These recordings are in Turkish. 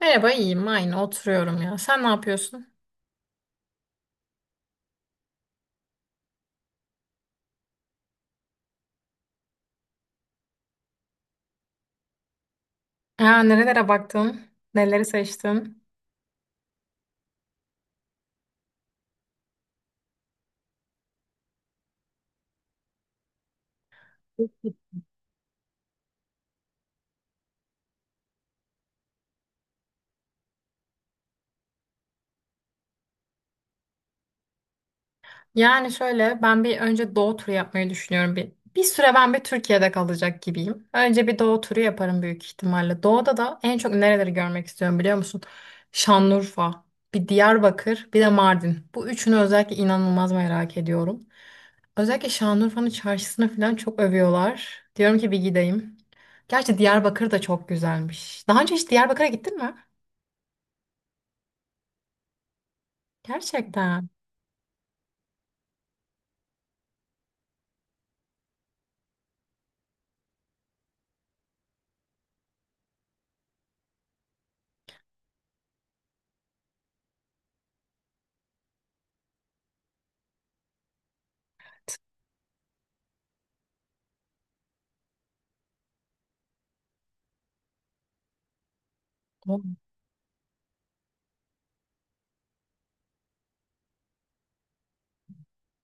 Merhaba, iyiyim. Aynı oturuyorum ya. Sen ne yapıyorsun? Ya, nerelere baktın? Neleri seçtin? Yani şöyle ben bir önce doğu turu yapmayı düşünüyorum. Bir süre ben bir Türkiye'de kalacak gibiyim. Önce bir doğu turu yaparım büyük ihtimalle. Doğuda da en çok nereleri görmek istiyorum biliyor musun? Şanlıurfa, bir Diyarbakır, bir de Mardin. Bu üçünü özellikle inanılmaz merak ediyorum. Özellikle Şanlıurfa'nın çarşısını falan çok övüyorlar. Diyorum ki bir gideyim. Gerçi Diyarbakır da çok güzelmiş. Daha önce hiç Diyarbakır'a gittin mi? Gerçekten.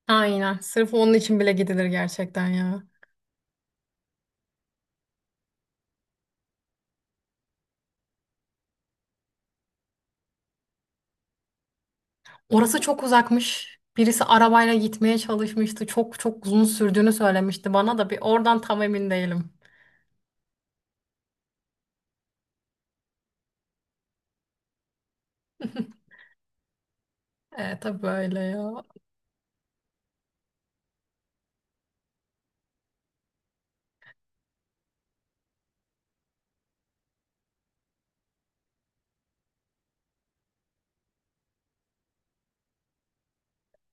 Aynen. Sırf onun için bile gidilir gerçekten ya. Orası çok uzakmış. Birisi arabayla gitmeye çalışmıştı. Çok çok uzun sürdüğünü söylemişti bana da bir oradan tam emin değilim. E, tabii böyle ya.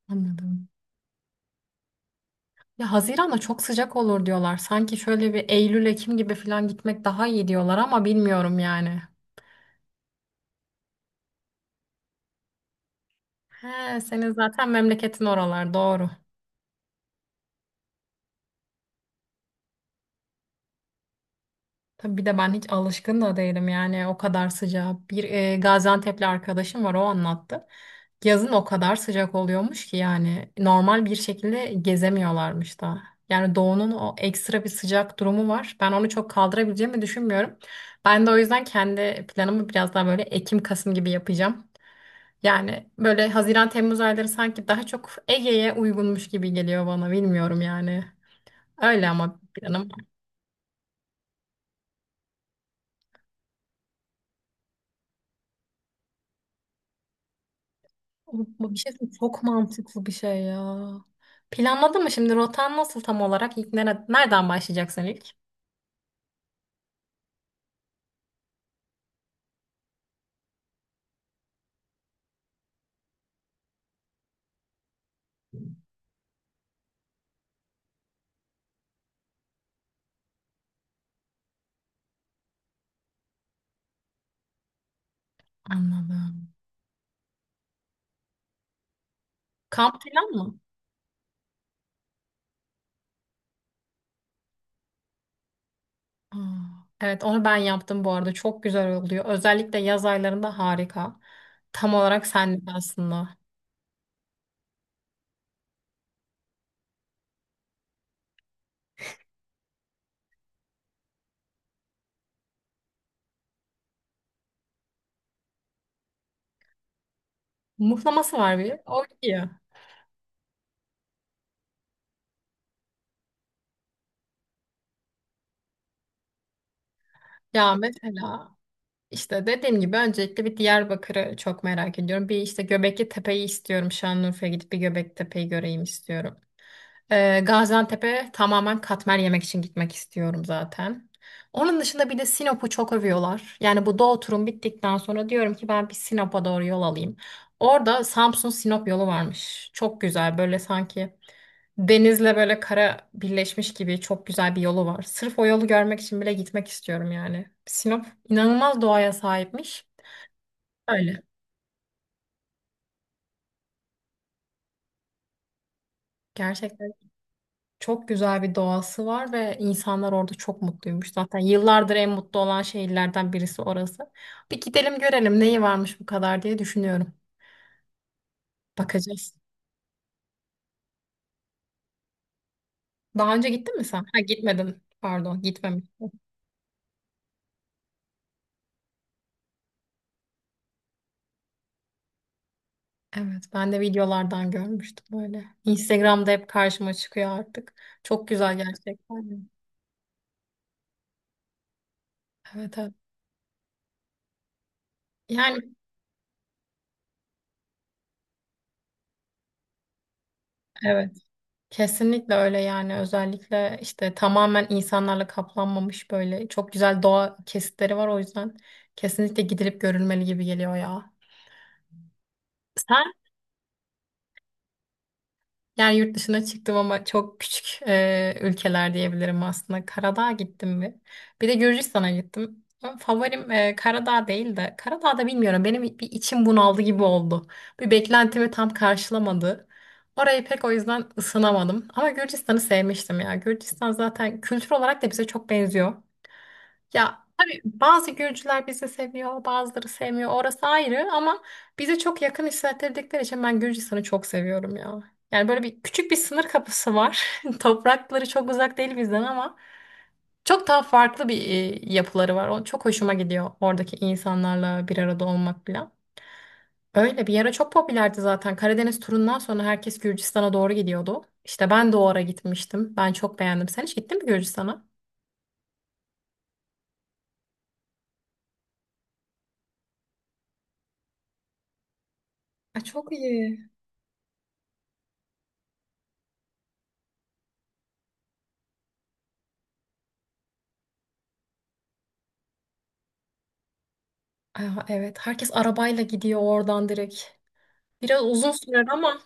Anladım. Ya Haziran'da çok sıcak olur diyorlar. Sanki şöyle bir Eylül, Ekim gibi falan gitmek daha iyi diyorlar ama bilmiyorum yani. He, senin zaten memleketin oralar doğru. Tabii bir de ben hiç alışkın da değilim yani o kadar sıcağı. Bir Gaziantep'li arkadaşım var o anlattı. Yazın o kadar sıcak oluyormuş ki yani normal bir şekilde gezemiyorlarmış da. Yani doğunun o ekstra bir sıcak durumu var. Ben onu çok kaldırabileceğimi düşünmüyorum. Ben de o yüzden kendi planımı biraz daha böyle Ekim-Kasım gibi yapacağım. Yani böyle Haziran-Temmuz ayları sanki daha çok Ege'ye uygunmuş gibi geliyor bana bilmiyorum yani. Öyle ama planım. Bu bir şey söyleyeyim, çok mantıklı bir şey ya. Planladın mı şimdi rotan nasıl tam olarak? İlk nereden başlayacaksın ilk? Anladım. Kamp plan mı? Aa, evet onu ben yaptım bu arada. Çok güzel oluyor. Özellikle yaz aylarında harika. Tam olarak senlik aslında. Muhlaması var bir. O iyi. Ya mesela işte dediğim gibi öncelikle bir Diyarbakır'ı çok merak ediyorum. Bir işte Göbekli Tepe'yi istiyorum. Şanlıurfa'ya gidip bir Göbekli Tepe'yi göreyim istiyorum. Gaziantep'e tamamen katmer yemek için gitmek istiyorum zaten. Onun dışında bir de Sinop'u çok övüyorlar. Yani bu Doğu turum bittikten sonra diyorum ki ben bir Sinop'a doğru yol alayım. Orada Samsun-Sinop yolu varmış. Çok güzel böyle sanki denizle böyle kara birleşmiş gibi çok güzel bir yolu var. Sırf o yolu görmek için bile gitmek istiyorum yani. Sinop inanılmaz doğaya sahipmiş. Öyle. Gerçekten. Çok güzel bir doğası var ve insanlar orada çok mutluymuş. Zaten yıllardır en mutlu olan şehirlerden birisi orası. Bir gidelim görelim neyi varmış bu kadar diye düşünüyorum. Bakacağız. Daha önce gittin mi sen? Ha gitmedin. Pardon, gitmemiştim. Evet, ben de videolardan görmüştüm böyle. Instagram'da hep karşıma çıkıyor artık. Çok güzel gerçekten. Evet, evet. Yani evet. Kesinlikle öyle yani özellikle işte tamamen insanlarla kaplanmamış böyle çok güzel doğa kesitleri var o yüzden kesinlikle gidilip görülmeli gibi geliyor ya. Sen yani yurt dışına çıktım ama çok küçük ülkeler diyebilirim aslında. Karadağ'a gittim bir. Bir de Gürcistan'a gittim. Ama favorim Karadağ değil de Karadağ'da bilmiyorum benim bir içim bunaldı gibi oldu. Bir beklentimi tam karşılamadı. Orayı pek o yüzden ısınamadım. Ama Gürcistan'ı sevmiştim ya. Gürcistan zaten kültür olarak da bize çok benziyor. Ya tabii bazı Gürcüler bizi seviyor, bazıları sevmiyor. Orası ayrı ama bize çok yakın hissettirdikleri için ben Gürcistan'ı çok seviyorum ya. Yani böyle bir küçük bir sınır kapısı var. Toprakları çok uzak değil bizden ama çok daha farklı bir yapıları var. O çok hoşuma gidiyor oradaki insanlarla bir arada olmak falan. Öyle bir ara çok popülerdi zaten. Karadeniz turundan sonra herkes Gürcistan'a doğru gidiyordu. İşte ben de o ara gitmiştim. Ben çok beğendim. Sen hiç gittin mi Gürcistan'a? Ay, çok iyi. Aa, evet, herkes arabayla gidiyor oradan direkt. Biraz uzun sürer ama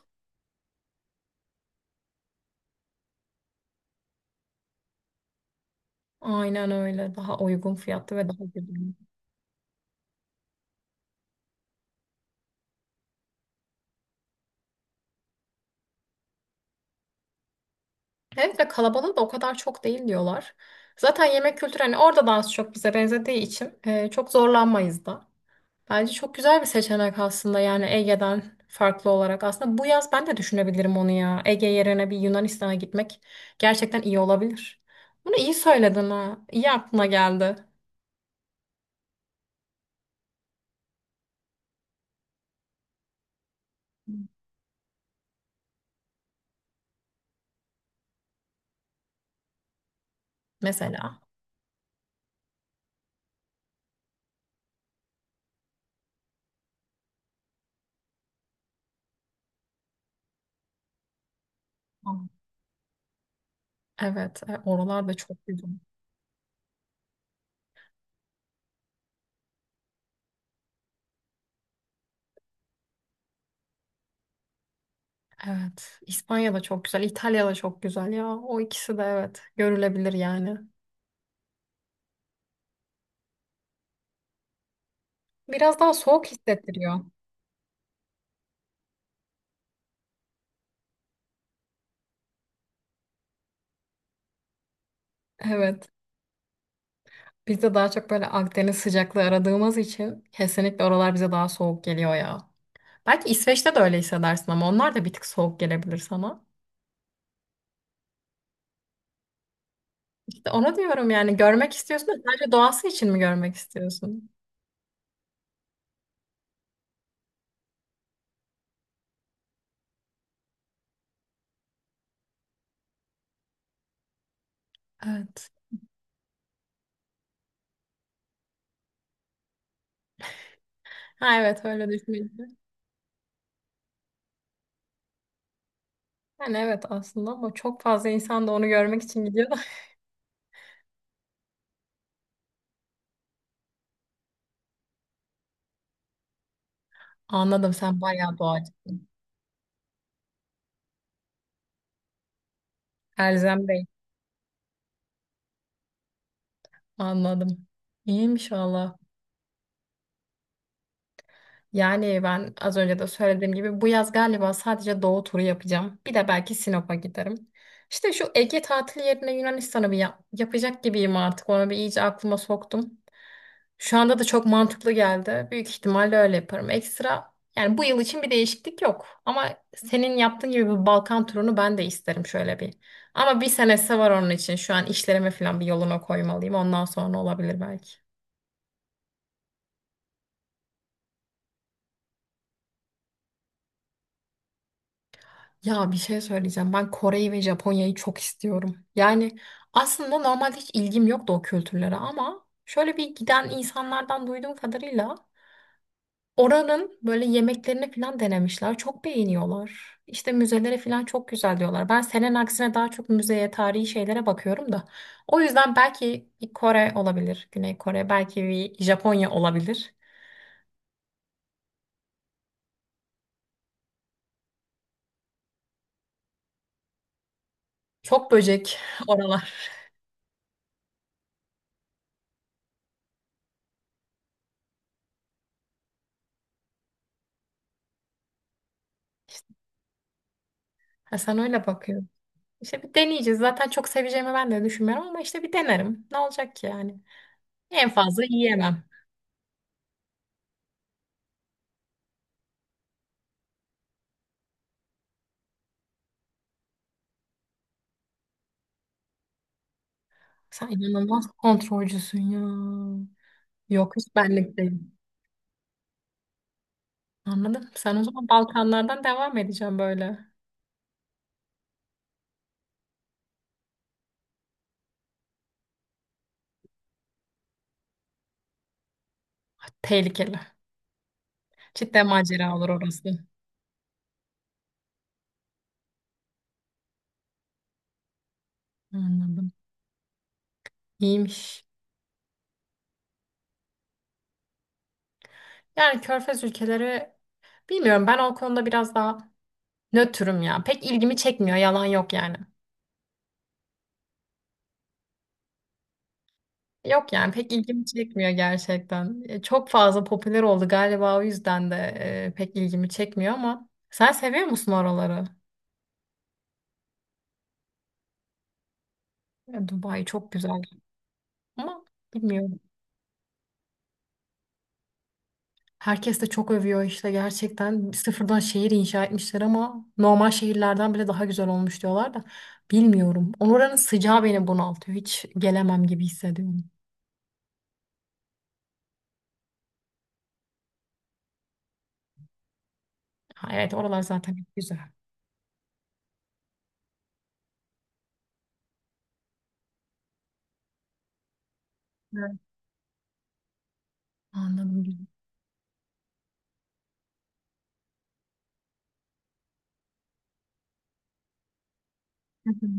aynen öyle. Daha uygun fiyatlı ve daha güzel. Hem de kalabalığı da o kadar çok değil diyorlar. Zaten yemek kültürü hani orada da az çok bize benzediği için çok zorlanmayız da. Bence çok güzel bir seçenek aslında yani Ege'den farklı olarak. Aslında bu yaz ben de düşünebilirim onu ya. Ege yerine bir Yunanistan'a gitmek gerçekten iyi olabilir. Bunu iyi söyledin ha. İyi aklına geldi mesela. Evet, oralar da çok güzel. Evet. İspanya da çok güzel. İtalya da çok güzel ya. O ikisi de evet. Görülebilir yani. Biraz daha soğuk hissettiriyor. Evet. Biz de daha çok böyle Akdeniz sıcaklığı aradığımız için kesinlikle oralar bize daha soğuk geliyor ya. Belki İsveç'te de öyle hissedersin ama onlar da bir tık soğuk gelebilir sana. İşte onu diyorum yani görmek istiyorsun da sadece doğası için mi görmek istiyorsun? Evet. Ha evet öyle düşünüyorum. Yani evet aslında ama çok fazla insan da onu görmek için gidiyor da. Anladım sen bayağı doğacısın. Elzem. Anladım. İyiymiş valla. Yani ben az önce de söylediğim gibi bu yaz galiba sadece Doğu turu yapacağım. Bir de belki Sinop'a giderim. İşte şu Ege tatili yerine Yunanistan'ı bir yapacak gibiyim artık. Onu bir iyice aklıma soktum. Şu anda da çok mantıklı geldi. Büyük ihtimalle öyle yaparım. Ekstra yani bu yıl için bir değişiklik yok. Ama senin yaptığın gibi bu Balkan turunu ben de isterim şöyle bir. Ama bir senesi var onun için. Şu an işlerime falan bir yoluna koymalıyım. Ondan sonra olabilir belki. Ya bir şey söyleyeceğim. Ben Kore'yi ve Japonya'yı çok istiyorum. Yani aslında normalde hiç ilgim yoktu o kültürlere ama şöyle bir giden insanlardan duyduğum kadarıyla oranın böyle yemeklerini falan denemişler. Çok beğeniyorlar. İşte müzeleri falan çok güzel diyorlar. Ben senin aksine daha çok müzeye, tarihi şeylere bakıyorum da. O yüzden belki bir Kore olabilir. Güney Kore, belki bir Japonya olabilir. Çok böcek oralar. İşte, ha, sen öyle bakıyorsun. İşte bir deneyeceğiz. Zaten çok seveceğimi ben de düşünmüyorum ama işte bir denerim. Ne olacak ki yani? En fazla yiyemem. Sen inanılmaz kontrolcüsün ya. Yok hiç benlik değil. Anladım. Sen o zaman Balkanlardan devam edeceğim böyle. Ah, tehlikeli. Cidden macera olur orası. Anladım. İyiymiş. Yani Körfez ülkeleri bilmiyorum ben o konuda biraz daha nötrüm ya. Pek ilgimi çekmiyor yalan yok yani. Yok yani pek ilgimi çekmiyor gerçekten. Çok fazla popüler oldu galiba o yüzden de pek ilgimi çekmiyor ama sen seviyor musun oraları? E, Dubai çok güzel ama bilmiyorum. Herkes de çok övüyor işte gerçekten sıfırdan şehir inşa etmişler ama normal şehirlerden bile daha güzel olmuş diyorlar da bilmiyorum. Oranın sıcağı beni bunaltıyor. Hiç gelemem gibi hissediyorum. Ha, evet oralar zaten hep güzel. Evet. Anladım. Hı hı.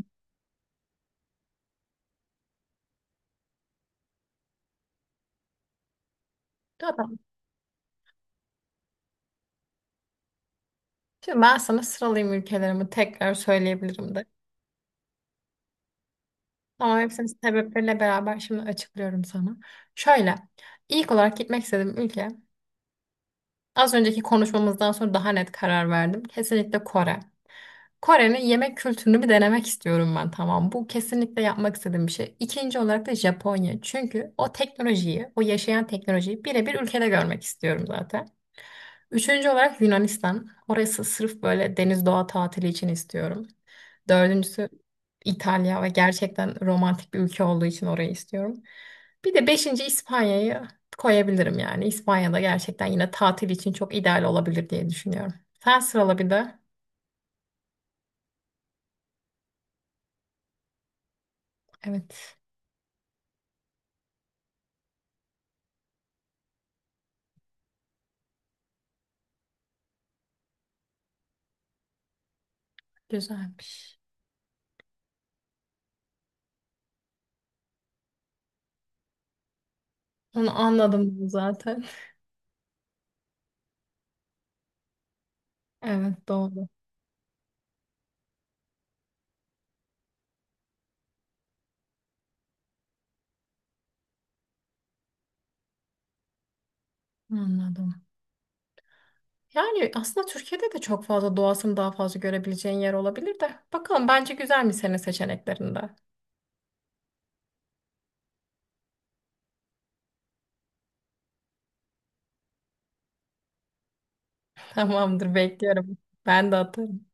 Tamam. Şimdi ben sana sıralayayım ülkelerimi tekrar söyleyebilirim de. Ama hepsinin sebepleriyle beraber şimdi açıklıyorum sana. Şöyle, ilk olarak gitmek istediğim ülke, az önceki konuşmamızdan sonra daha net karar verdim. Kesinlikle Kore. Kore'nin yemek kültürünü bir denemek istiyorum ben tamam. Bu kesinlikle yapmak istediğim bir şey. İkinci olarak da Japonya. Çünkü o teknolojiyi, o yaşayan teknolojiyi birebir ülkede görmek istiyorum zaten. Üçüncü olarak Yunanistan. Orası sırf böyle deniz doğa tatili için istiyorum. Dördüncüsü İtalya ve gerçekten romantik bir ülke olduğu için orayı istiyorum. Bir de 5. İspanya'yı koyabilirim yani. İspanya'da gerçekten yine tatil için çok ideal olabilir diye düşünüyorum. Sen sırala bir de. Evet, güzelmiş. Onu anladım zaten. Evet, doğru. Anladım. Yani aslında Türkiye'de de çok fazla doğasını daha fazla görebileceğin yer olabilir de. Bakalım bence güzel mi senin seçeneklerinde? Tamamdır, bekliyorum. Ben de atarım.